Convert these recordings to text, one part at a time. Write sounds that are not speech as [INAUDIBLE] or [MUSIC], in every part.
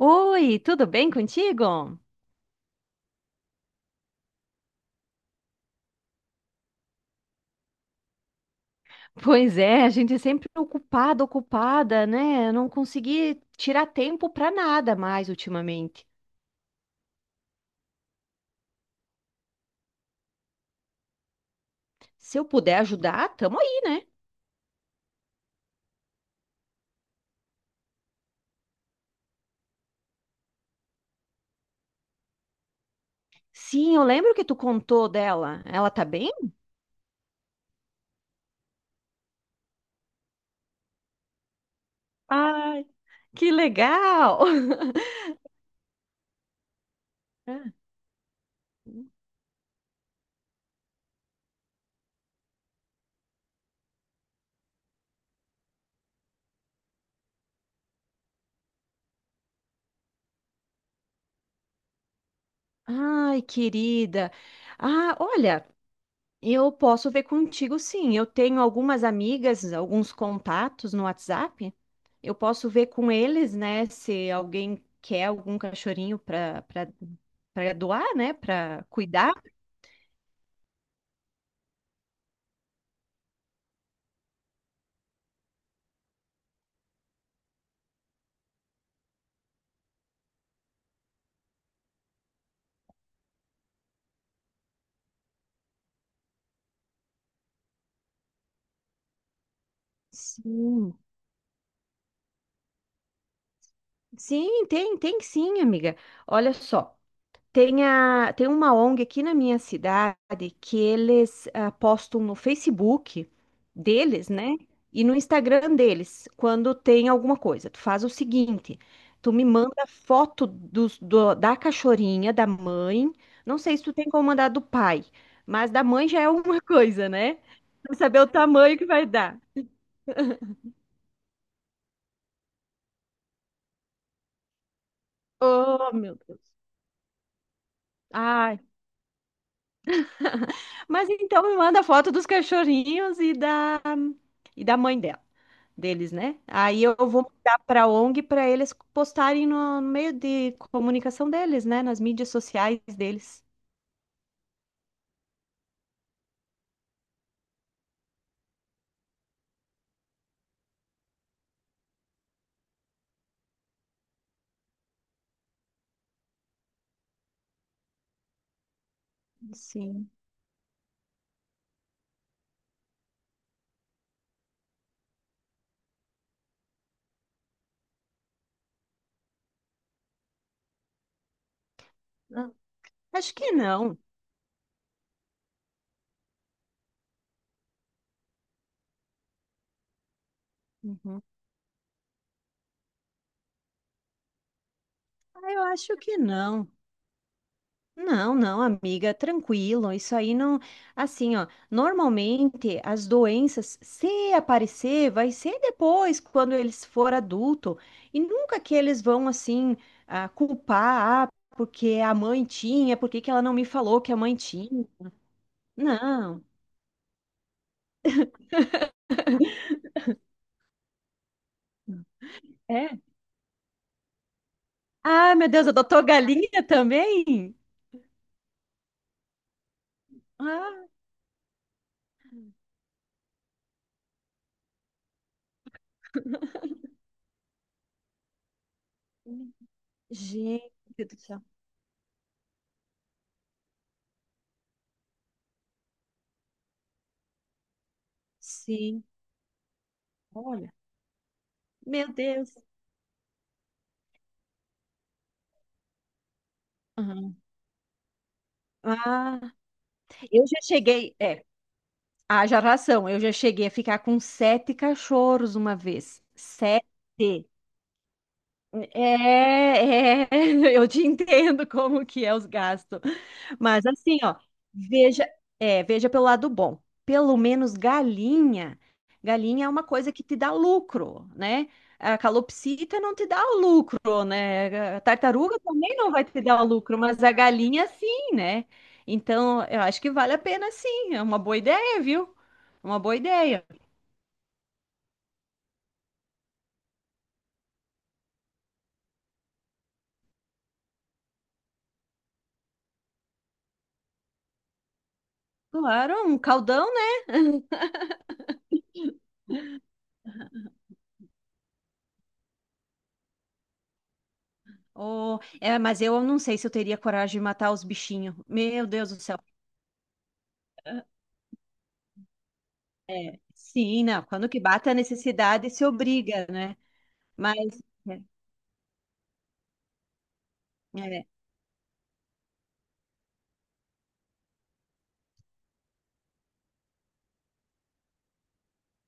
Oi, tudo bem contigo? Pois é, a gente é sempre ocupada, ocupada, né? Eu não consegui tirar tempo para nada mais ultimamente. Se eu puder ajudar, tamo aí, né? Sim, eu lembro que tu contou dela. Ela tá bem? Ai, que legal! [LAUGHS] Ai, querida. Ah, olha. Eu posso ver contigo, sim. Eu tenho algumas amigas, alguns contatos no WhatsApp. Eu posso ver com eles, né, se alguém quer algum cachorrinho para doar, né, para cuidar. Sim. Sim, tem sim, amiga. Olha só. Tem uma ONG aqui na minha cidade que eles ah, postam no Facebook deles, né? E no Instagram deles, quando tem alguma coisa. Tu faz o seguinte, tu me manda foto da cachorrinha, da mãe. Não sei se tu tem como mandar do pai, mas da mãe já é alguma [LAUGHS] coisa, né? Pra saber o tamanho que vai dar. Oh, meu Deus. Ai. Mas então me manda foto dos cachorrinhos e da mãe dela, deles, né? Aí eu vou mandar para ONG para eles postarem no, meio de comunicação deles, né? Nas mídias sociais deles. Sim. Ah, acho que não. Uhum. Ah, eu acho que não. Não, não, amiga, tranquilo. Isso aí não. Assim, ó, normalmente as doenças, se aparecer, vai ser depois, quando eles for adulto. E nunca que eles vão, assim, ah, culpar, ah, porque a mãe tinha, por que que ela não me falou que a mãe tinha? Não. É. Ah, meu Deus, adotou galinha também? Ah, gente do céu. Sim, olha. Meu Deus. Aham. Ah, eu já cheguei. É. Haja ração. Eu já cheguei a ficar com sete cachorros uma vez. Sete. É, é, [LAUGHS] eu te entendo como que é os gastos. Mas assim, ó, veja, veja pelo lado bom. Pelo menos galinha, galinha é uma coisa que te dá lucro, né? A calopsita não te dá o lucro, né? A tartaruga também não vai te dar o lucro, mas a galinha sim, né? Então, eu acho que vale a pena sim, é uma boa ideia, viu? Uma boa ideia. Claro, um caldão, né? Oh, é, mas eu não sei se eu teria coragem de matar os bichinhos. Meu Deus do céu. Sim, não. Quando que bate a necessidade, se obriga, né? Mas, é, é,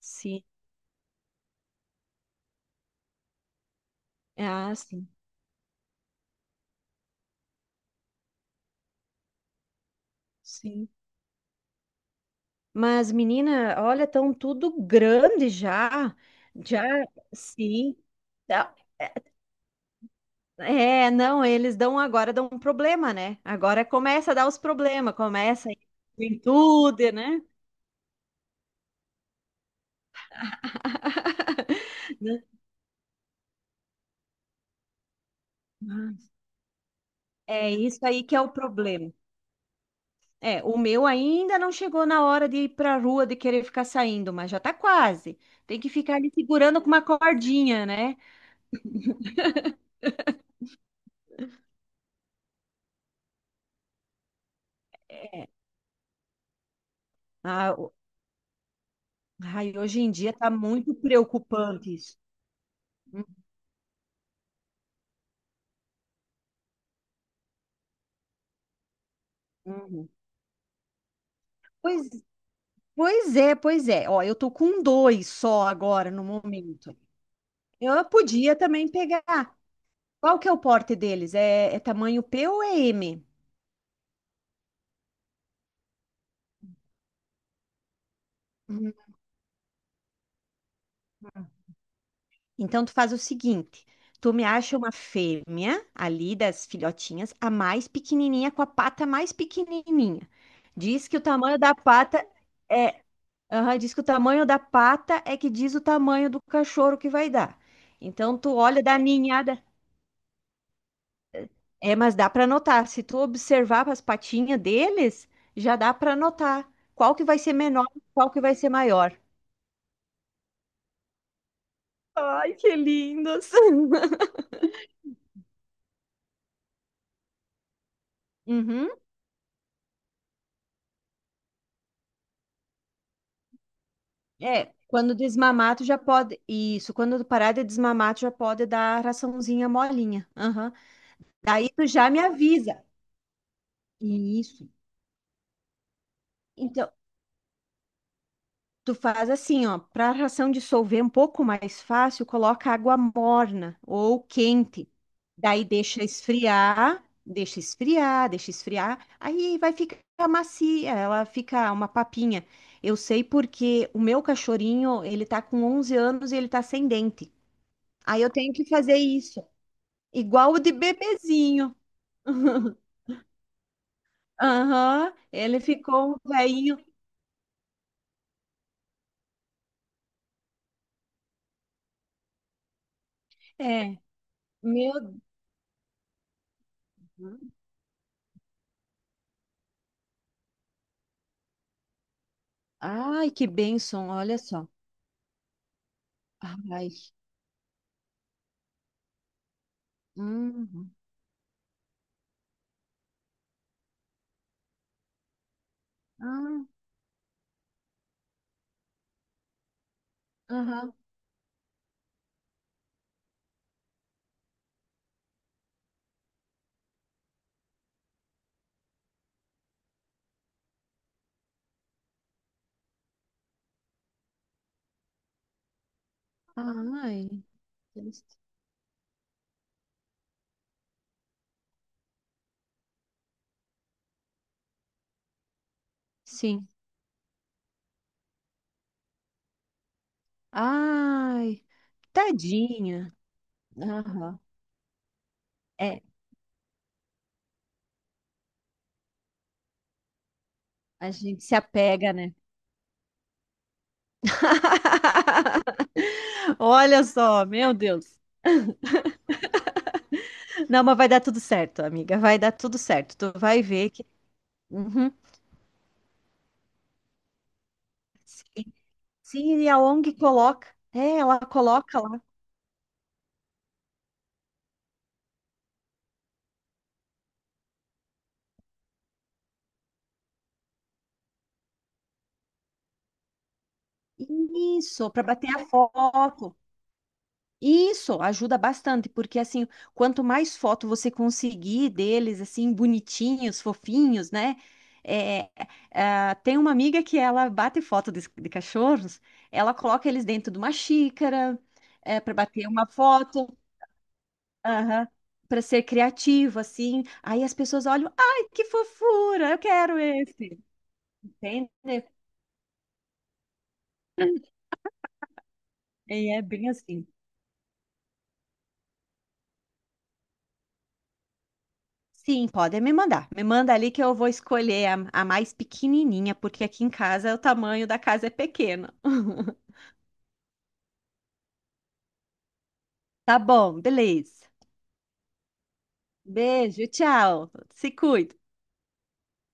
sim. É, ah, sim, sim. Mas, menina, olha, estão tudo grande já. Já, sim. Tá- É, não, eles dão agora dão um problema, né? Agora começa a dar os problemas, começa a juventude, né? Né? É isso aí que é o problema. É, o meu ainda não chegou na hora de ir para a rua, de querer ficar saindo, mas já tá quase. Tem que ficar ali segurando com uma cordinha, né? Ah, ai, hoje em dia está muito preocupante isso. Uhum. Pois, pois é, pois é. Ó, eu tô com dois só agora no momento. Eu podia também pegar. Qual que é o porte deles? É tamanho P ou é M? Uhum. Então tu faz o seguinte, tu me acha uma fêmea ali das filhotinhas, a mais pequenininha com a pata mais pequenininha. Diz que o tamanho da pata é. Aham, diz que o tamanho da pata é que diz o tamanho do cachorro que vai dar. Então, tu olha da ninhada. É, mas dá para notar. Se tu observar as patinhas deles, já dá para notar qual que vai ser menor, e qual que vai ser maior. Ai, que lindos! [LAUGHS] Uhum. É, quando desmamar, tu já pode. Isso, quando parar de desmamar, tu já pode dar a raçãozinha molinha. Aham. Daí tu já me avisa. Isso. Então. Tu faz assim, ó, para a ração dissolver um pouco mais fácil, coloca água morna ou quente. Daí deixa esfriar, deixa esfriar, deixa esfriar. Aí vai ficar macia, ela fica uma papinha. Eu sei porque o meu cachorrinho, ele tá com 11 anos e ele tá sem dente. Aí eu tenho que fazer isso, igual o de bebezinho. [LAUGHS] Aham, ele ficou um velhinho. É, meu. Ai, que bênção, olha só. Ai. Hum. Ah, aham. Ai. Triste. Sim. Ai. Tadinha. Aham. É, a gente se apega, né? [LAUGHS] Olha só, meu Deus. Não, mas vai dar tudo certo, amiga. Vai dar tudo certo. Tu vai ver que. Uhum. Sim, e a ONG coloca. É, ela coloca lá. Isso, para bater a foto. Isso ajuda bastante, porque assim, quanto mais foto você conseguir deles, assim, bonitinhos, fofinhos, né? É, ah, tem uma amiga que ela bate foto de cachorros, ela coloca eles dentro de uma xícara, para bater uma foto, para ser criativo, assim. Aí as pessoas olham, ai, que fofura, eu quero esse, entende? E é bem assim. Sim, podem me mandar. Me manda ali que eu vou escolher a mais pequenininha, porque aqui em casa o tamanho da casa é pequeno. [LAUGHS] Tá bom, beleza. Beijo, tchau. Se cuida.